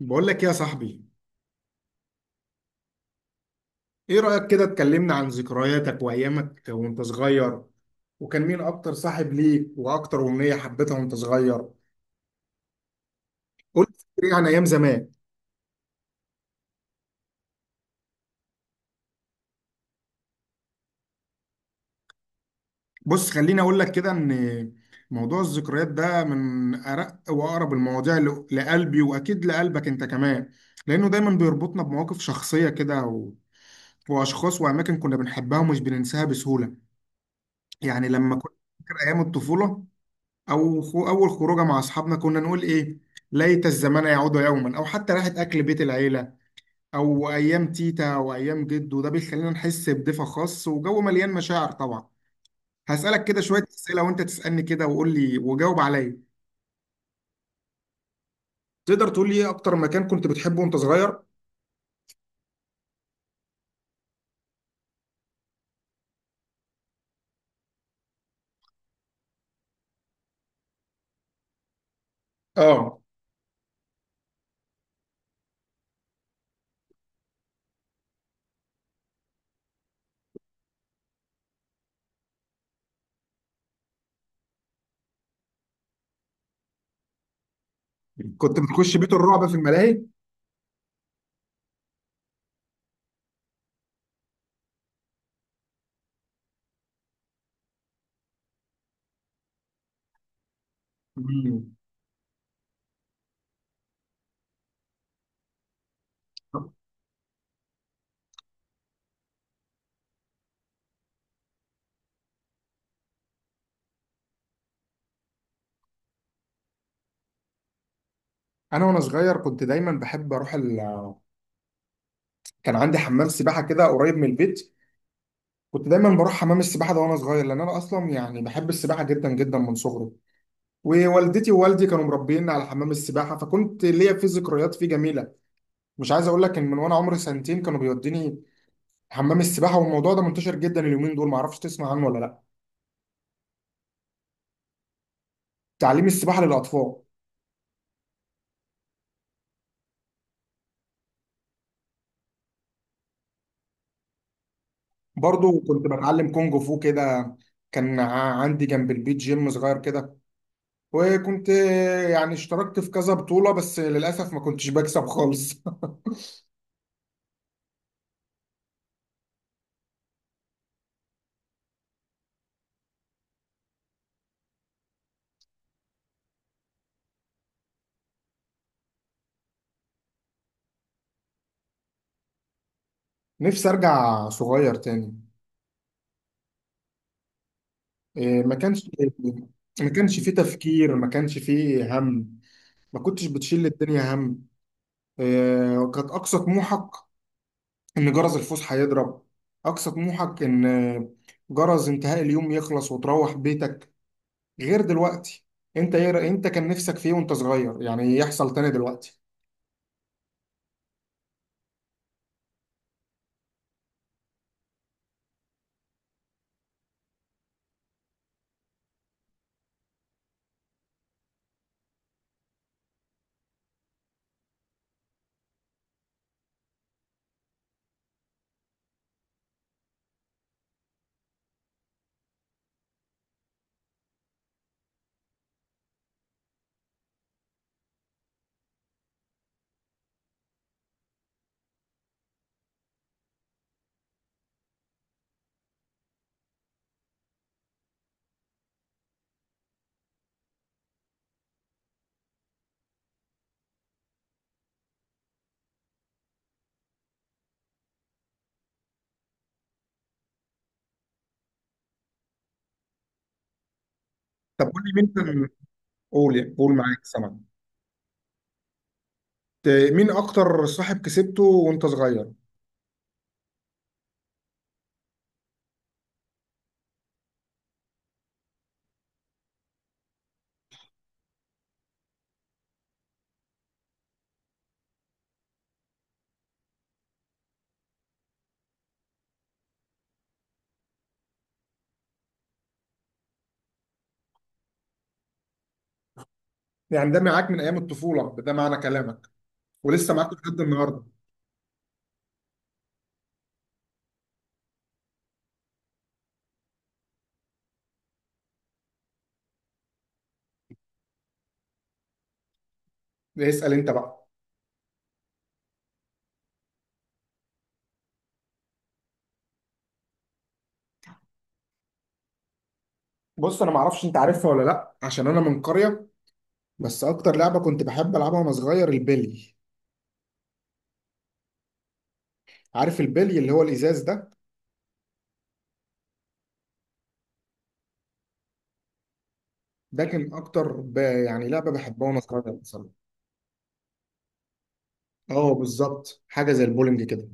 بقول لك يا صاحبي، ايه رأيك كده اتكلمنا عن ذكرياتك وايامك وانت صغير، وكان مين اكتر صاحب ليك واكتر أمنية حبيتها وانت صغير؟ قول لي ايه عن ايام زمان. بص خليني اقول لك كده ان موضوع الذكريات ده من ارق واقرب المواضيع لقلبي، واكيد لقلبك انت كمان، لانه دايما بيربطنا بمواقف شخصية كده و... واشخاص واماكن كنا بنحبها ومش بننساها بسهولة. يعني لما كنت فاكر ايام الطفولة، أو خو أول خروجة مع أصحابنا كنا نقول إيه؟ ليت الزمان يعود يوما، أو حتى راحة أكل بيت العيلة، أو أيام تيتا وأيام جدو، ده بيخلينا نحس بدفء خاص وجو مليان مشاعر طبعا. هسألك كده شوية أسئلة وأنت تسألني كده وقول لي وجاوب عليا. تقدر تقول لي إيه أكتر مكان كنت بتحبه وأنت صغير؟ آه. كنت بتخش بيت الرعب في الملاهي؟ مم. أنا وأنا صغير كنت دايما بحب أروح كان عندي حمام سباحة كده قريب من البيت. كنت دايما بروح حمام السباحه ده وانا صغير، لان انا اصلا يعني بحب السباحه جدا جدا من صغري. ووالدتي ووالدي كانوا مربيني على حمام السباحه، فكنت ليا فيه ذكريات فيه جميله. مش عايز اقول لك ان من وانا عمري سنتين كانوا بيوديني حمام السباحه، والموضوع ده منتشر جدا اليومين دول، معرفش تسمع عنه ولا لا. تعليم السباحه للاطفال. برضو كنت بتعلم كونج فو كده. كان عندي جنب البيت جيم صغير كده، وكنت يعني اشتركت في كذا بطوله، بس للاسف ما كنتش بكسب خالص. نفسي ارجع صغير تاني. إيه، ما كانش فيه تفكير، ما كانش فيه هم، ما كنتش بتشيل الدنيا هم. إيه، كانت أقصى طموحك إن جرس الفسحة يضرب، أقصى طموحك إن جرس انتهاء اليوم يخلص وتروح بيتك، غير دلوقتي. أنت إيه، أنت كان نفسك فيه وأنت صغير يعني يحصل تاني دلوقتي؟ طب قول لي مين كان، قول قول معاك سمع. مين أكتر صاحب كسبته وأنت صغير؟ يعني ده معاك من أيام الطفولة ده معنى كلامك، ولسه معاك لحد النهاردة؟ اسأل أنت بقى. بص انا ما اعرفش انت عارفها ولا لا عشان انا من قريه، بس اكتر لعبه كنت بحب العبها وانا صغير البلي. عارف البلي اللي هو الازاز ده؟ ده كان اكتر يعني لعبه بحبها وانا صغير بصراحه. اه، بالظبط حاجه زي البولينج كده.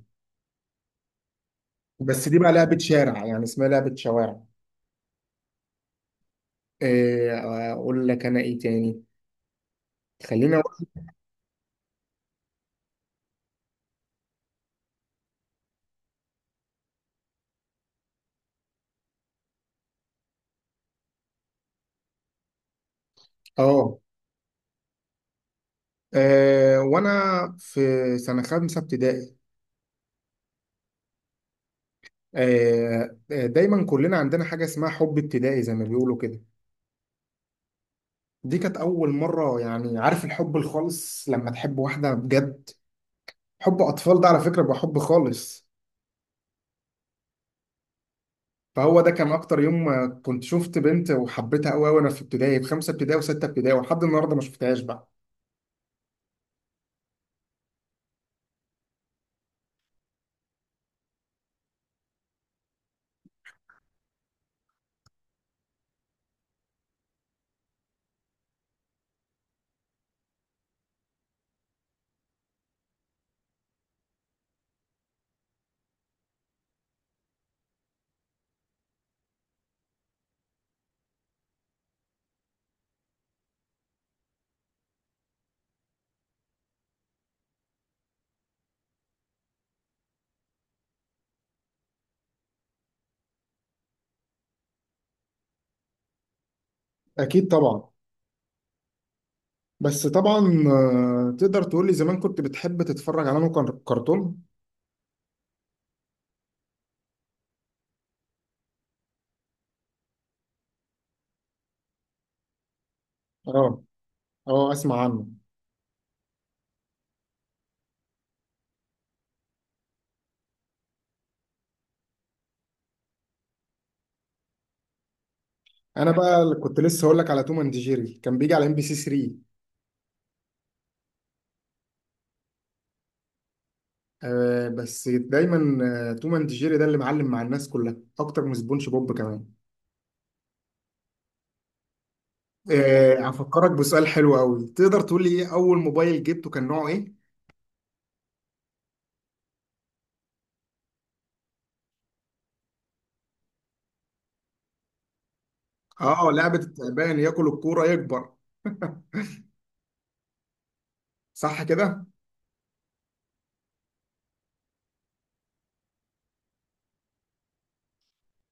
بس دي بقى لعبه شارع يعني اسمها لعبه شوارع. إيه اقول لك انا ايه تاني، خليني اقول. اه وانا في سنه خامسه ابتدائي. دايما كلنا عندنا حاجه اسمها حب ابتدائي زي ما بيقولوا كده. دي كانت أول مرة يعني عارف الحب الخالص لما تحب واحدة بجد، حب أطفال ده على فكرة بيبقى حب خالص. فهو ده كان أكتر يوم، كنت شفت بنت وحبيتها أوي وأنا في ابتدائي في خمسة ابتدائي وستة ابتدائي، ولحد النهاردة ما شفتهاش بقى. أكيد طبعا. بس طبعا، تقدر تقول لي زمان كنت بتحب تتفرج على أنه كرتون؟ أه. أه أسمع عنه. أنا بقى اللي كنت لسه هقول لك على توم أند جيري، كان بيجي على ام بي سي 3. بس دايما، توم اند جيري ده اللي معلم مع الناس كلها اكتر من سبونج بوب كمان. هفكرك بسؤال حلو قوي. تقدر تقول لي ايه اول موبايل جبته كان نوعه ايه؟ اه، لعبة التعبان ياكل الكورة يكبر، صح كده؟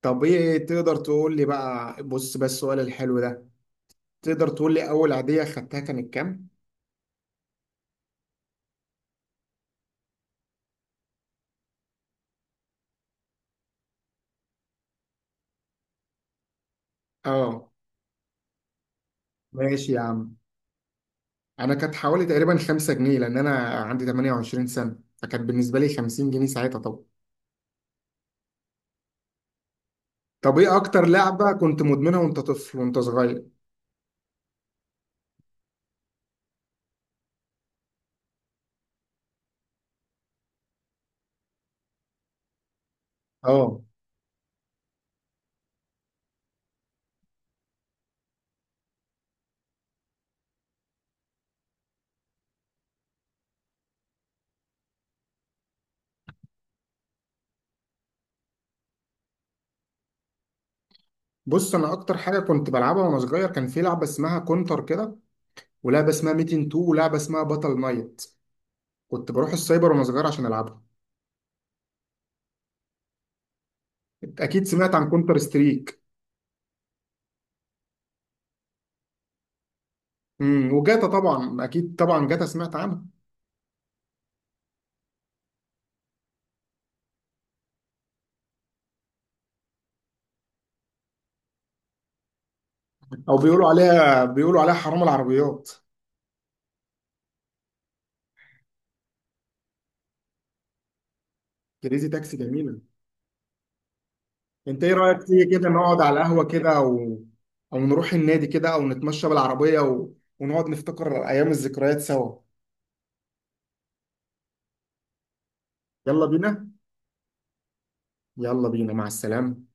طب ايه تقدر تقول لي بقى، بص بس السؤال الحلو ده، تقدر تقول لي اول عادية خدتها كانت كام؟ اه، ماشي يا عم. انا كانت حوالي تقريبا 5 جنيه، لان انا عندي 28 سنة، فكانت بالنسبة لي 50 جنيه ساعتها طبعا. طب ايه اكتر لعبة كنت مدمنها وانت طفل وانت صغير؟ اه، بص انا اكتر حاجة كنت بلعبها وانا صغير كان في لعبة اسمها كونتر كده، ولعبه اسمها ميتين 2، ولعبه اسمها باتل نايت. كنت بروح السايبر وانا صغير عشان العبها. اكيد سمعت عن كونتر ستريك. وجاتا طبعا، اكيد طبعا جاتا سمعت عنها. او بيقولوا عليها حرام العربيات. كريزي تاكسي جميله. انت ايه رايك تيجي كده نقعد على القهوه كده، او نروح النادي كده، او نتمشى بالعربيه ونقعد نفتكر ايام الذكريات سوا. يلا بينا. يلا بينا مع السلامه.